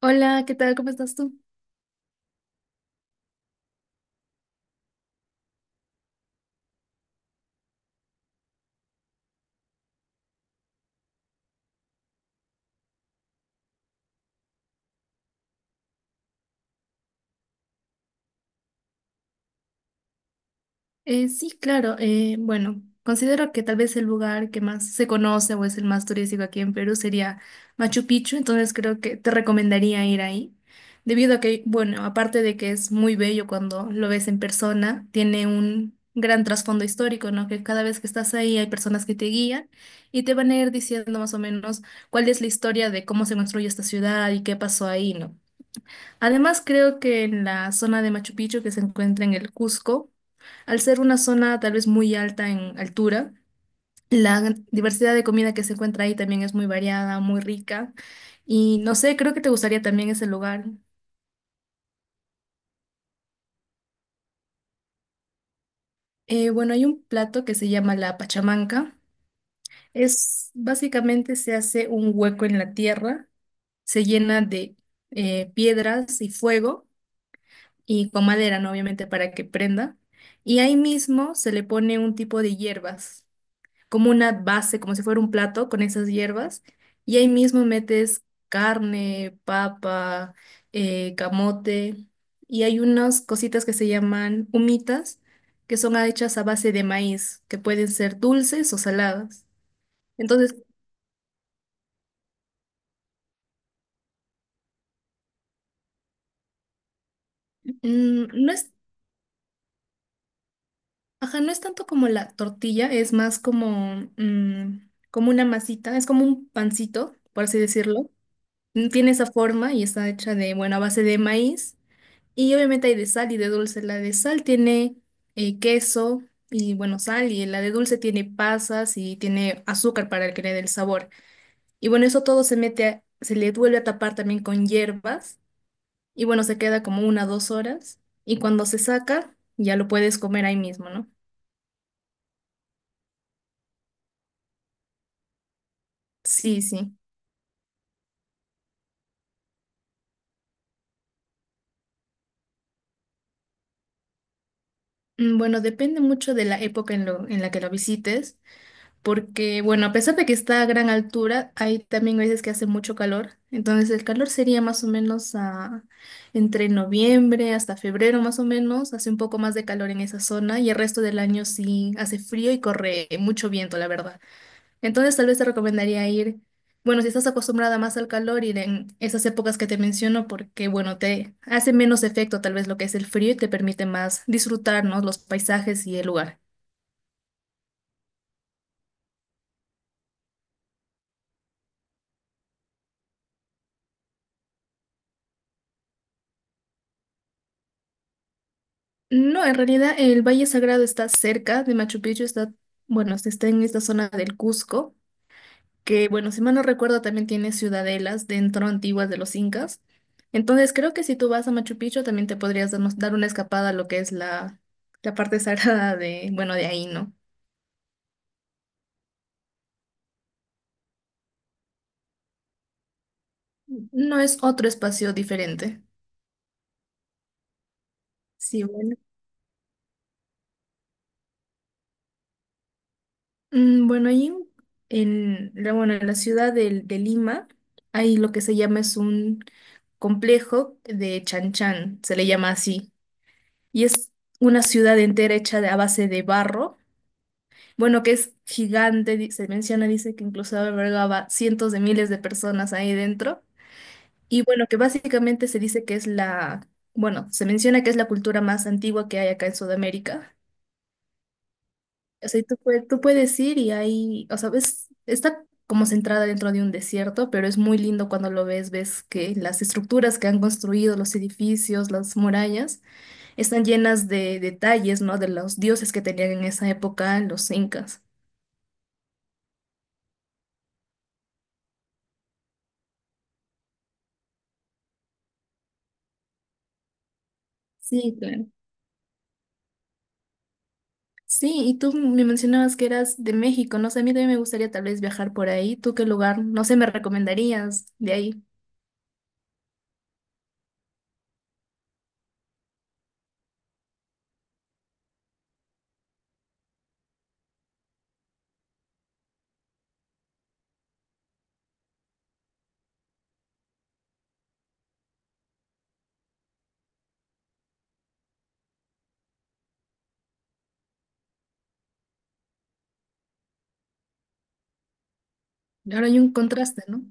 Hola, ¿qué tal? ¿Cómo estás tú? Sí, claro. Bueno, considero que tal vez el lugar que más se conoce o es el más turístico aquí en Perú sería Machu Picchu. Entonces creo que te recomendaría ir ahí, debido a que, bueno, aparte de que es muy bello cuando lo ves en persona, tiene un gran trasfondo histórico, ¿no? Que cada vez que estás ahí hay personas que te guían y te van a ir diciendo más o menos cuál es la historia de cómo se construyó esta ciudad y qué pasó ahí, ¿no? Además, creo que en la zona de Machu Picchu, que se encuentra en el Cusco, al ser una zona tal vez muy alta en altura, diversidad de comida que se encuentra ahí también es muy variada, muy rica. Y no sé, creo que te gustaría también ese lugar. Bueno, hay un plato que se llama la pachamanca. Es básicamente, se hace un hueco en la tierra, se llena de piedras y fuego y con madera, ¿no? Obviamente para que prenda. Y ahí mismo se le pone un tipo de hierbas, como una base, como si fuera un plato con esas hierbas, y ahí mismo metes carne, papa, camote, y hay unas cositas que se llaman humitas, que son hechas a base de maíz, que pueden ser dulces o saladas. Entonces, no es, ajá, no es tanto como la tortilla, es más como, como una masita, es como un pancito, por así decirlo. Tiene esa forma y está hecha de, bueno, a base de maíz. Y obviamente hay de sal y de dulce. La de sal tiene queso y, bueno, sal. Y la de dulce tiene pasas y tiene azúcar para que le dé el sabor. Y bueno, eso todo se mete, se le vuelve a tapar también con hierbas. Y bueno, se queda como una o dos horas. Y cuando se saca, ya lo puedes comer ahí mismo, ¿no? Sí, sí. Bueno, depende mucho de la época en, en la que lo visites. Porque, bueno, a pesar de que está a gran altura, hay también veces que hace mucho calor. Entonces el calor sería más o menos entre noviembre hasta febrero más o menos. Hace un poco más de calor en esa zona y el resto del año sí hace frío y corre mucho viento, la verdad. Entonces tal vez te recomendaría ir, bueno, si estás acostumbrada más al calor, ir en esas épocas que te menciono porque, bueno, te hace menos efecto tal vez lo que es el frío y te permite más disfrutar, ¿no? Los paisajes y el lugar. No, en realidad el Valle Sagrado está cerca de Machu Picchu, está, bueno, está en esta zona del Cusco, que, bueno, si mal no recuerdo, también tiene ciudadelas dentro antiguas de los incas. Entonces creo que si tú vas a Machu Picchu también te podrías dar una escapada a lo que es la, la parte sagrada de, bueno, de ahí, ¿no? No es otro espacio diferente. Sí, bueno. Bueno, ahí en la, bueno, en la ciudad de Lima hay lo que se llama, es un complejo de Chan Chan, se le llama así. Y es una ciudad entera hecha de, a base de barro. Bueno, que es gigante, se menciona, dice que incluso albergaba cientos de miles de personas ahí dentro. Y bueno, que básicamente se dice que es la, bueno, se menciona que es la cultura más antigua que hay acá en Sudamérica. O sea, y tú, tú puedes ir y ahí, o sea, ves, está como centrada dentro de un desierto, pero es muy lindo cuando lo ves, ves que las estructuras que han construido, los edificios, las murallas, están llenas de detalles, ¿no? De los dioses que tenían en esa época los incas. Sí, claro. Sí, y tú me mencionabas que eras de México, no sé, a mí también me gustaría tal vez viajar por ahí. ¿Tú qué lugar, no sé, me recomendarías de ahí? Ahora hay un contraste, ¿no?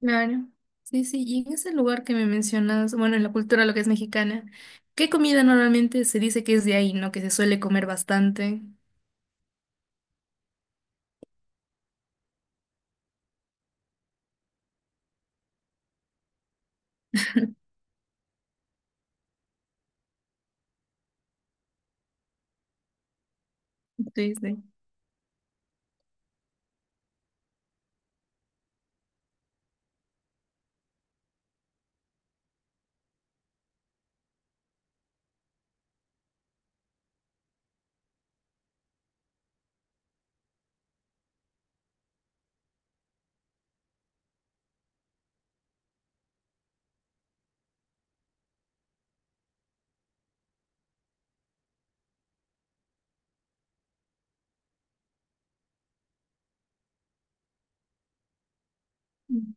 Claro. Sí, sí, y en ese lugar que me mencionas, bueno, en la cultura, lo que es mexicana, ¿qué comida normalmente se dice que es de ahí, ¿no? Que se suele comer bastante. Sí, sí. Mm.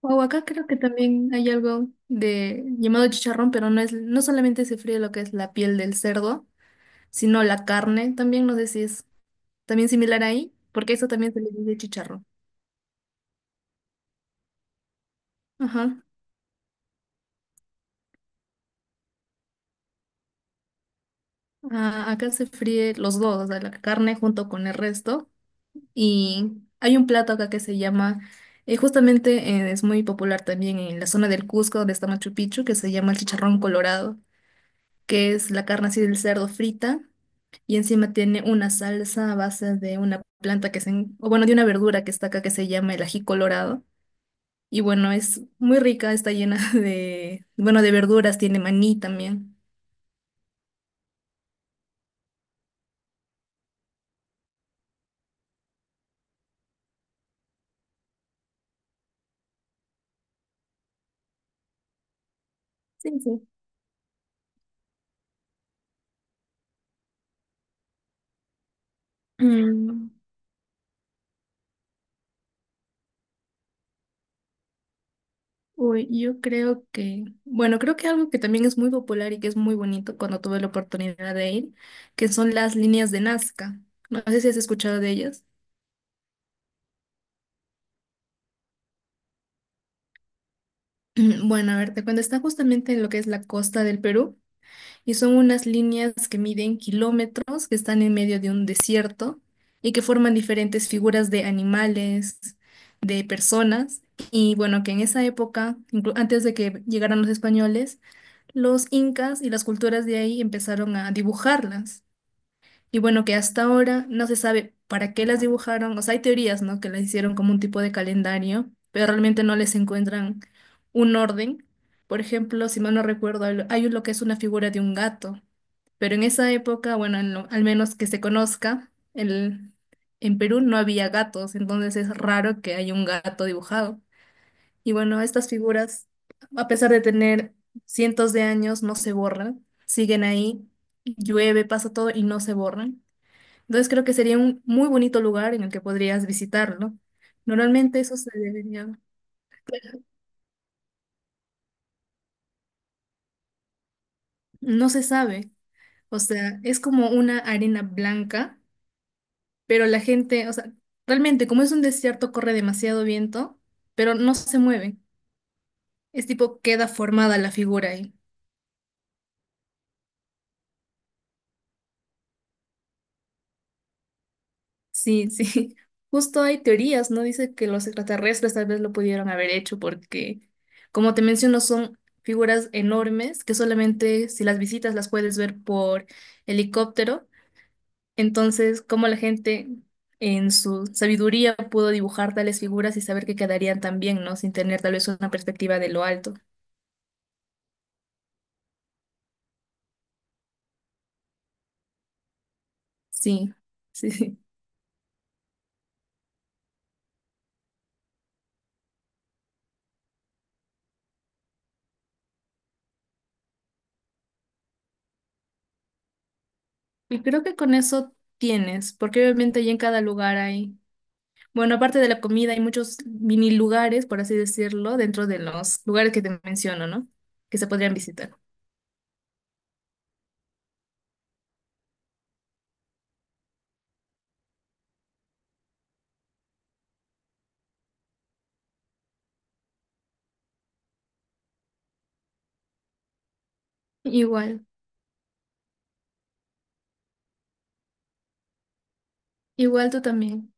O acá creo que también hay algo de llamado chicharrón, pero no es, no solamente se fríe lo que es la piel del cerdo, sino la carne también, no sé si es también similar ahí, porque eso también se le dice chicharrón. Ajá. Ah, acá se fríe los dos, o sea, la carne junto con el resto. Y hay un plato acá que se llama, justamente es muy popular también en la zona del Cusco, donde está Machu Picchu, que se llama el chicharrón colorado, que es la carne así del cerdo frita y encima tiene una salsa a base de una planta que se, o bueno, de una verdura que está acá que se llama el ají colorado. Y bueno, es muy rica, está llena de, bueno, de verduras, tiene maní también. Sí, sí. Mm. Uy, yo creo que, bueno, creo que algo que también es muy popular y que es muy bonito, cuando tuve la oportunidad de ir, que son las líneas de Nazca. No sé si has escuchado de ellas. Bueno, a ver, te cuento, está justamente en lo que es la costa del Perú y son unas líneas que miden kilómetros, que están en medio de un desierto y que forman diferentes figuras de animales, de personas. Y bueno, que en esa época, antes de que llegaran los españoles, los incas y las culturas de ahí empezaron a dibujarlas. Y bueno, que hasta ahora no se sabe para qué las dibujaron. O sea, hay teorías, ¿no? Que las hicieron como un tipo de calendario, pero realmente no les encuentran un orden. Por ejemplo, si mal no recuerdo, hay lo que es una figura de un gato. Pero en esa época, bueno, en al menos que se conozca, el, en Perú no había gatos, entonces es raro que haya un gato dibujado. Y bueno, estas figuras, a pesar de tener cientos de años, no se borran, siguen ahí, llueve, pasa todo y no se borran. Entonces creo que sería un muy bonito lugar en el que podrías visitarlo. Normalmente eso se debería, no se sabe, o sea, es como una arena blanca, pero la gente, o sea, realmente como es un desierto corre demasiado viento, pero no se mueve. Es tipo queda formada la figura ahí. Sí, sí. Justo hay teorías, ¿no? Dice que los extraterrestres tal vez lo pudieron haber hecho porque, como te menciono, son figuras enormes que solamente si las visitas las puedes ver por helicóptero. Entonces, como la gente en su sabiduría pudo dibujar tales figuras y saber que quedarían tan bien, ¿no? Sin tener tal vez una perspectiva de lo alto. Sí, sí, sí. Y creo que con eso tienes, porque obviamente ahí en cada lugar hay, bueno, aparte de la comida, hay muchos mini lugares, por así decirlo, dentro de los lugares que te menciono, ¿no? Que se podrían visitar. Igual, igual tú también.